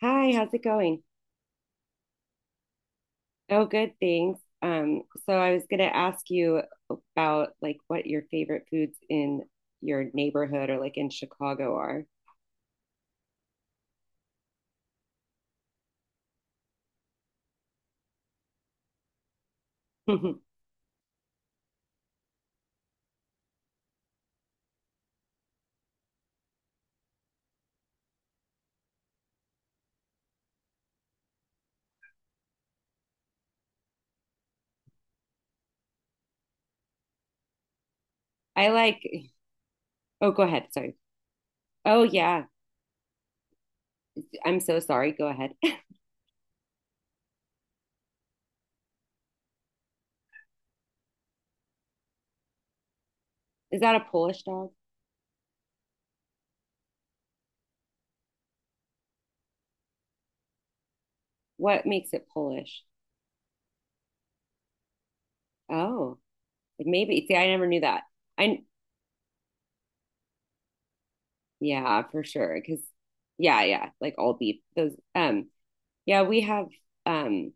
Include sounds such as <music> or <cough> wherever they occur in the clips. Hi, how's it going? Oh, good, thanks. So I was gonna ask you about like what your favorite foods in your neighborhood or like in Chicago are. <laughs> I like, oh, go ahead, sorry. Oh yeah, I'm so sorry. Go ahead. <laughs> Is that a Polish dog? What makes it Polish? Oh, like, maybe. See, I never knew that. I Yeah, for sure. Because yeah, yeah, like all beef. Those yeah, we have um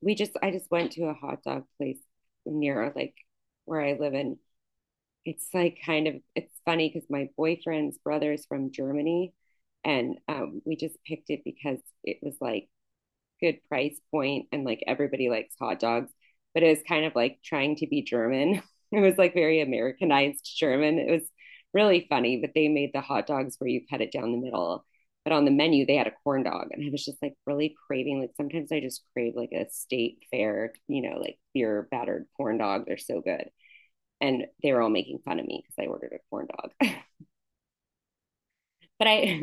we just I just went to a hot dog place near like where I live, and it's like kind of it's funny because my boyfriend's brother is from Germany, and we just picked it because it was like good price point and like everybody likes hot dogs, but it was kind of like trying to be German. <laughs> It was like very Americanized German. It was really funny, but they made the hot dogs where you cut it down the middle. But on the menu, they had a corn dog, and I was just like really craving. Like sometimes I just crave like a state fair, you know, like your battered corn dog. They're so good, and they were all making fun of me because I ordered a corn dog. <laughs> But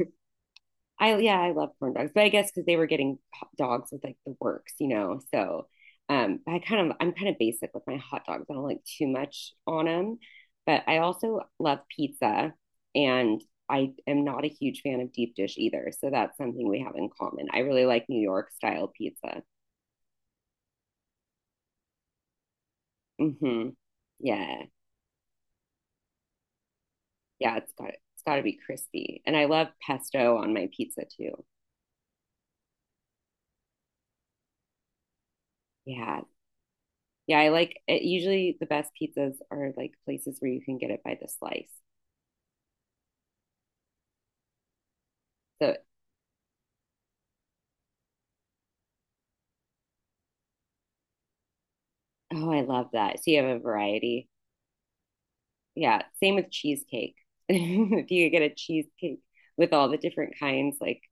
I yeah, I love corn dogs, but I guess because they were getting hot dogs with like the works. So I'm kind of basic with my hot dogs. I don't like too much on them, but I also love pizza, and I am not a huge fan of deep dish either. So that's something we have in common. I really like New York style pizza. Hmm. Yeah, yeah, it's got to be crispy, and I love pesto on my pizza too. Yeah, yeah, I like it. Usually the best pizzas are like places where you can get it by the slice. So, oh, I love that. So you have a variety. Yeah, same with cheesecake. <laughs> If you get a cheesecake with all the different kinds, like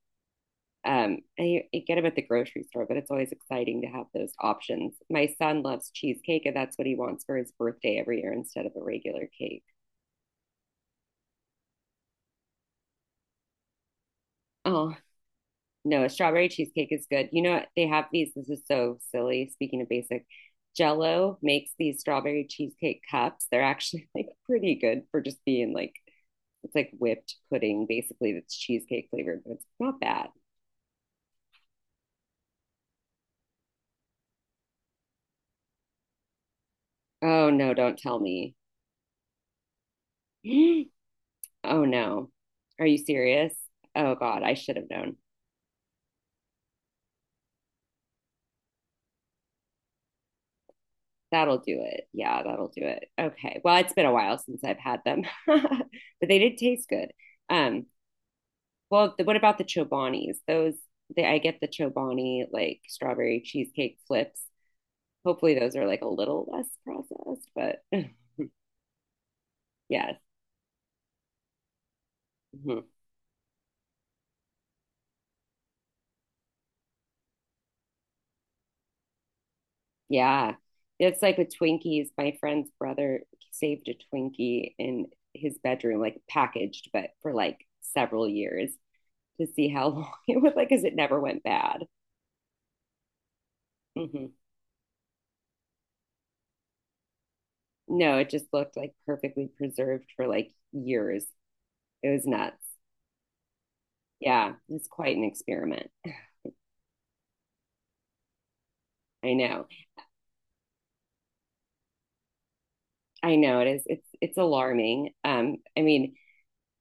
and you get them at the grocery store, but it's always exciting to have those options. My son loves cheesecake, and that's what he wants for his birthday every year instead of a regular cake. Oh, no, a strawberry cheesecake is good. You know what? They have these. This is so silly. Speaking of basic, Jello makes these strawberry cheesecake cups. They're actually <laughs> like pretty good for just being like it's like whipped pudding basically that's cheesecake flavored, but it's not bad. Oh no, don't tell me. <gasps> Oh no. Are you serious? Oh god, I should have known. That'll do it. Yeah, that'll do it. Okay. Well, it's been a while since I've had them. <laughs> But they did taste good. Um Well, what about the Chobanis? I get the Chobani like strawberry cheesecake flips. Hopefully, those are like a little less processed, but <laughs> yes. Mhm. Yeah. It's like with Twinkies. My friend's brother saved a Twinkie in his bedroom, like packaged, but for like several years to see how long <laughs> it was, like, because it never went bad. Hmm. No, it just looked like perfectly preserved for like years. It was nuts. Yeah, it's quite an experiment. I know. I know it is. It's alarming. I mean,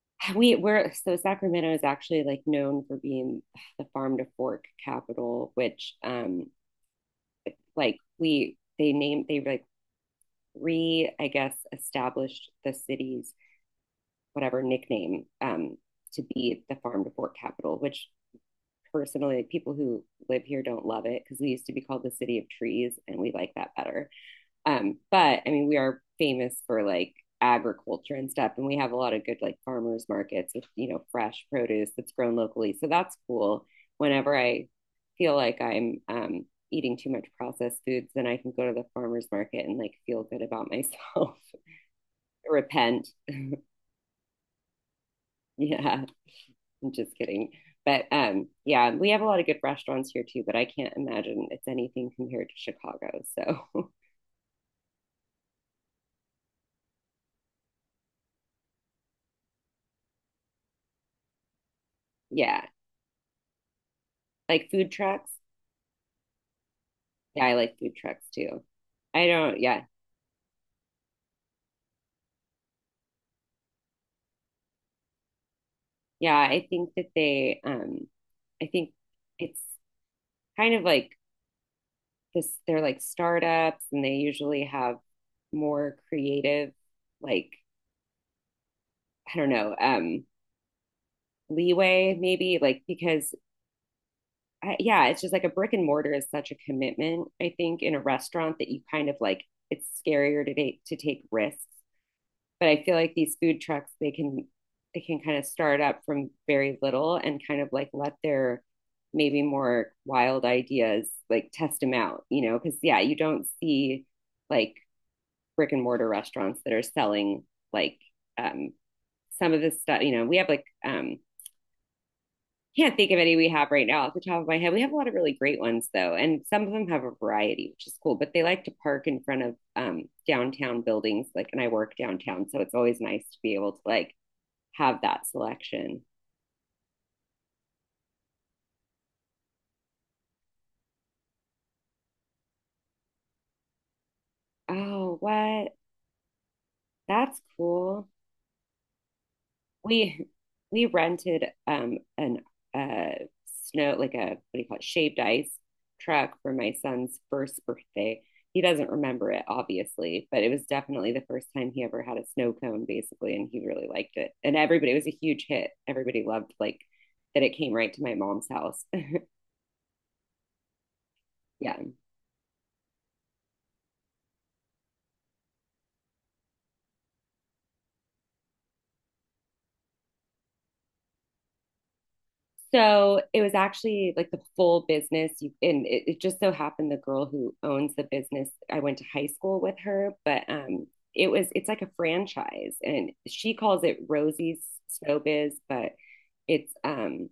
<sighs> we're so Sacramento is actually like known for being <sighs> the farm to fork capital, which like we they like re I guess established the city's whatever nickname to be the farm to fork capital, which personally people who live here don't love it because we used to be called the city of trees, and we like that better. But I mean, we are famous for like agriculture and stuff, and we have a lot of good like farmers markets with fresh produce that's grown locally. So that's cool. Whenever I feel like I'm eating too much processed foods, then I can go to the farmers market and like feel good about myself, <laughs> repent. Yeah, I'm just kidding. But yeah, we have a lot of good restaurants here too, but I can't imagine it's anything compared to Chicago. So <laughs> yeah, like food trucks. Yeah, I like food trucks too. I don't, yeah. Yeah, I think that they I think it's kind of like this, they're like startups, and they usually have more creative, like, I don't know, leeway maybe, like, because yeah, it's just like a brick and mortar is such a commitment, I think, in a restaurant that you kind of like it's scarier to take risks, but I feel like these food trucks they can kind of start up from very little and kind of like let their maybe more wild ideas, like, test them out, you know, because yeah, you don't see like brick and mortar restaurants that are selling like um some of this stuff, you know. We have like can't think of any we have right now off the top of my head. We have a lot of really great ones though, and some of them have a variety, which is cool. But they like to park in front of downtown buildings, like, and I work downtown, so it's always nice to be able to like have that selection. Oh, what? That's cool. We we rented an uh snow, like, a, what do you call it, shaved ice truck for my son's first birthday. He doesn't remember it obviously, but it was definitely the first time he ever had a snow cone basically, and he really liked it. And everybody it was a huge hit. Everybody loved like that it came right to my mom's house. <laughs> Yeah. So it was actually like the full business. And it just so happened the girl who owns the business, I went to high school with her, but it was it's like a franchise, and she calls it Rosie's Snow Biz, but it's um,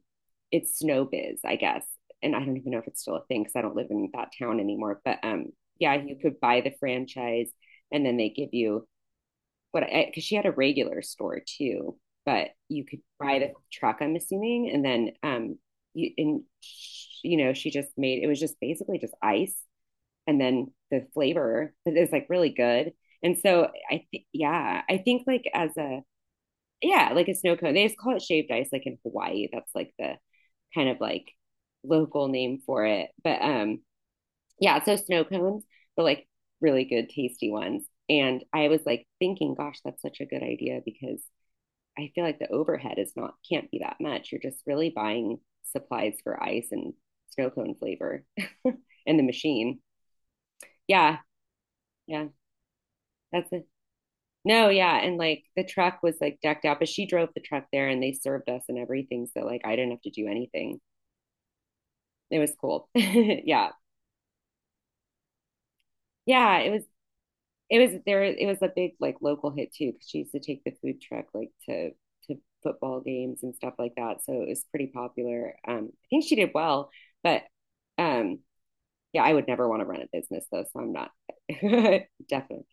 it's Snow Biz, I guess. And I don't even know if it's still a thing because I don't live in that town anymore. But yeah, you could buy the franchise, and then they give you what I because she had a regular store too, but you could buy the truck, I'm assuming, and then you and you know she just made, it was just basically just ice and then the flavor, but like really good. And so I think yeah, I think like as a yeah, like a snow cone. They just call it shaved ice like in Hawaii. That's like the kind of like local name for it. But yeah, so snow cones, but like really good, tasty ones. And I was like thinking, gosh, that's such a good idea because I feel like the overhead is not, can't be that much. You're just really buying supplies for ice and snow cone flavor <laughs> and the machine. Yeah, yeah, that's it. No, yeah, and like the truck was like decked out, but she drove the truck there and they served us and everything. So like I didn't have to do anything. It was cool. <laughs> Yeah. Yeah, it was there. It was a big like local hit too because she used to take the food truck like to football games and stuff like that. So it was pretty popular. I think she did well, but um, yeah, I would never want to run a business though, so I'm not <laughs> definitely.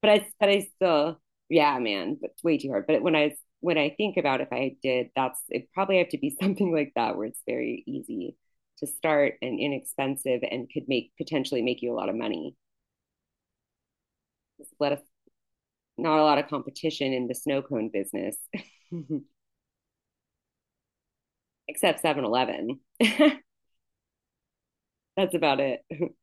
But I still, yeah, man, but it's way too hard. But when I think about if I did, that's it probably have to be <laughs> something like that where it's very easy to start and inexpensive and could make potentially make you a lot of money. Just let us Not a lot of competition in the snow cone business, <laughs> except 7-Eleven. <laughs> That's about it. <laughs>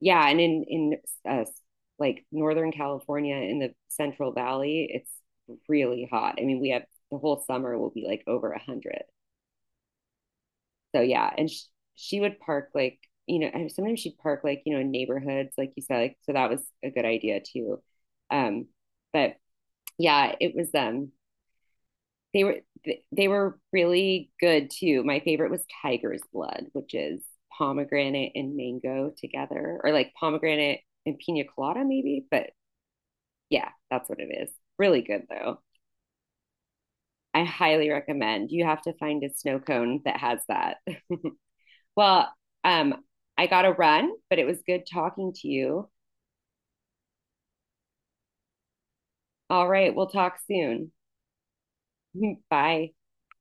Yeah. And in uh, like Northern California in the Central Valley, it's really hot. I mean, we have the whole summer will be like over 100. So, yeah. And she would park like, sometimes she'd park like, in neighborhoods, like you said. Like, so that was a good idea too. Um, but yeah, it was they were they were really good too. My favorite was Tiger's Blood, which is pomegranate and mango together, or like pomegranate and pina colada maybe. But yeah, that's what it is. Really good though. I highly recommend. You have to find a snow cone that has that. <laughs> Well, um, I got to run, but it was good talking to you. All right, we'll talk soon. <laughs> Bye.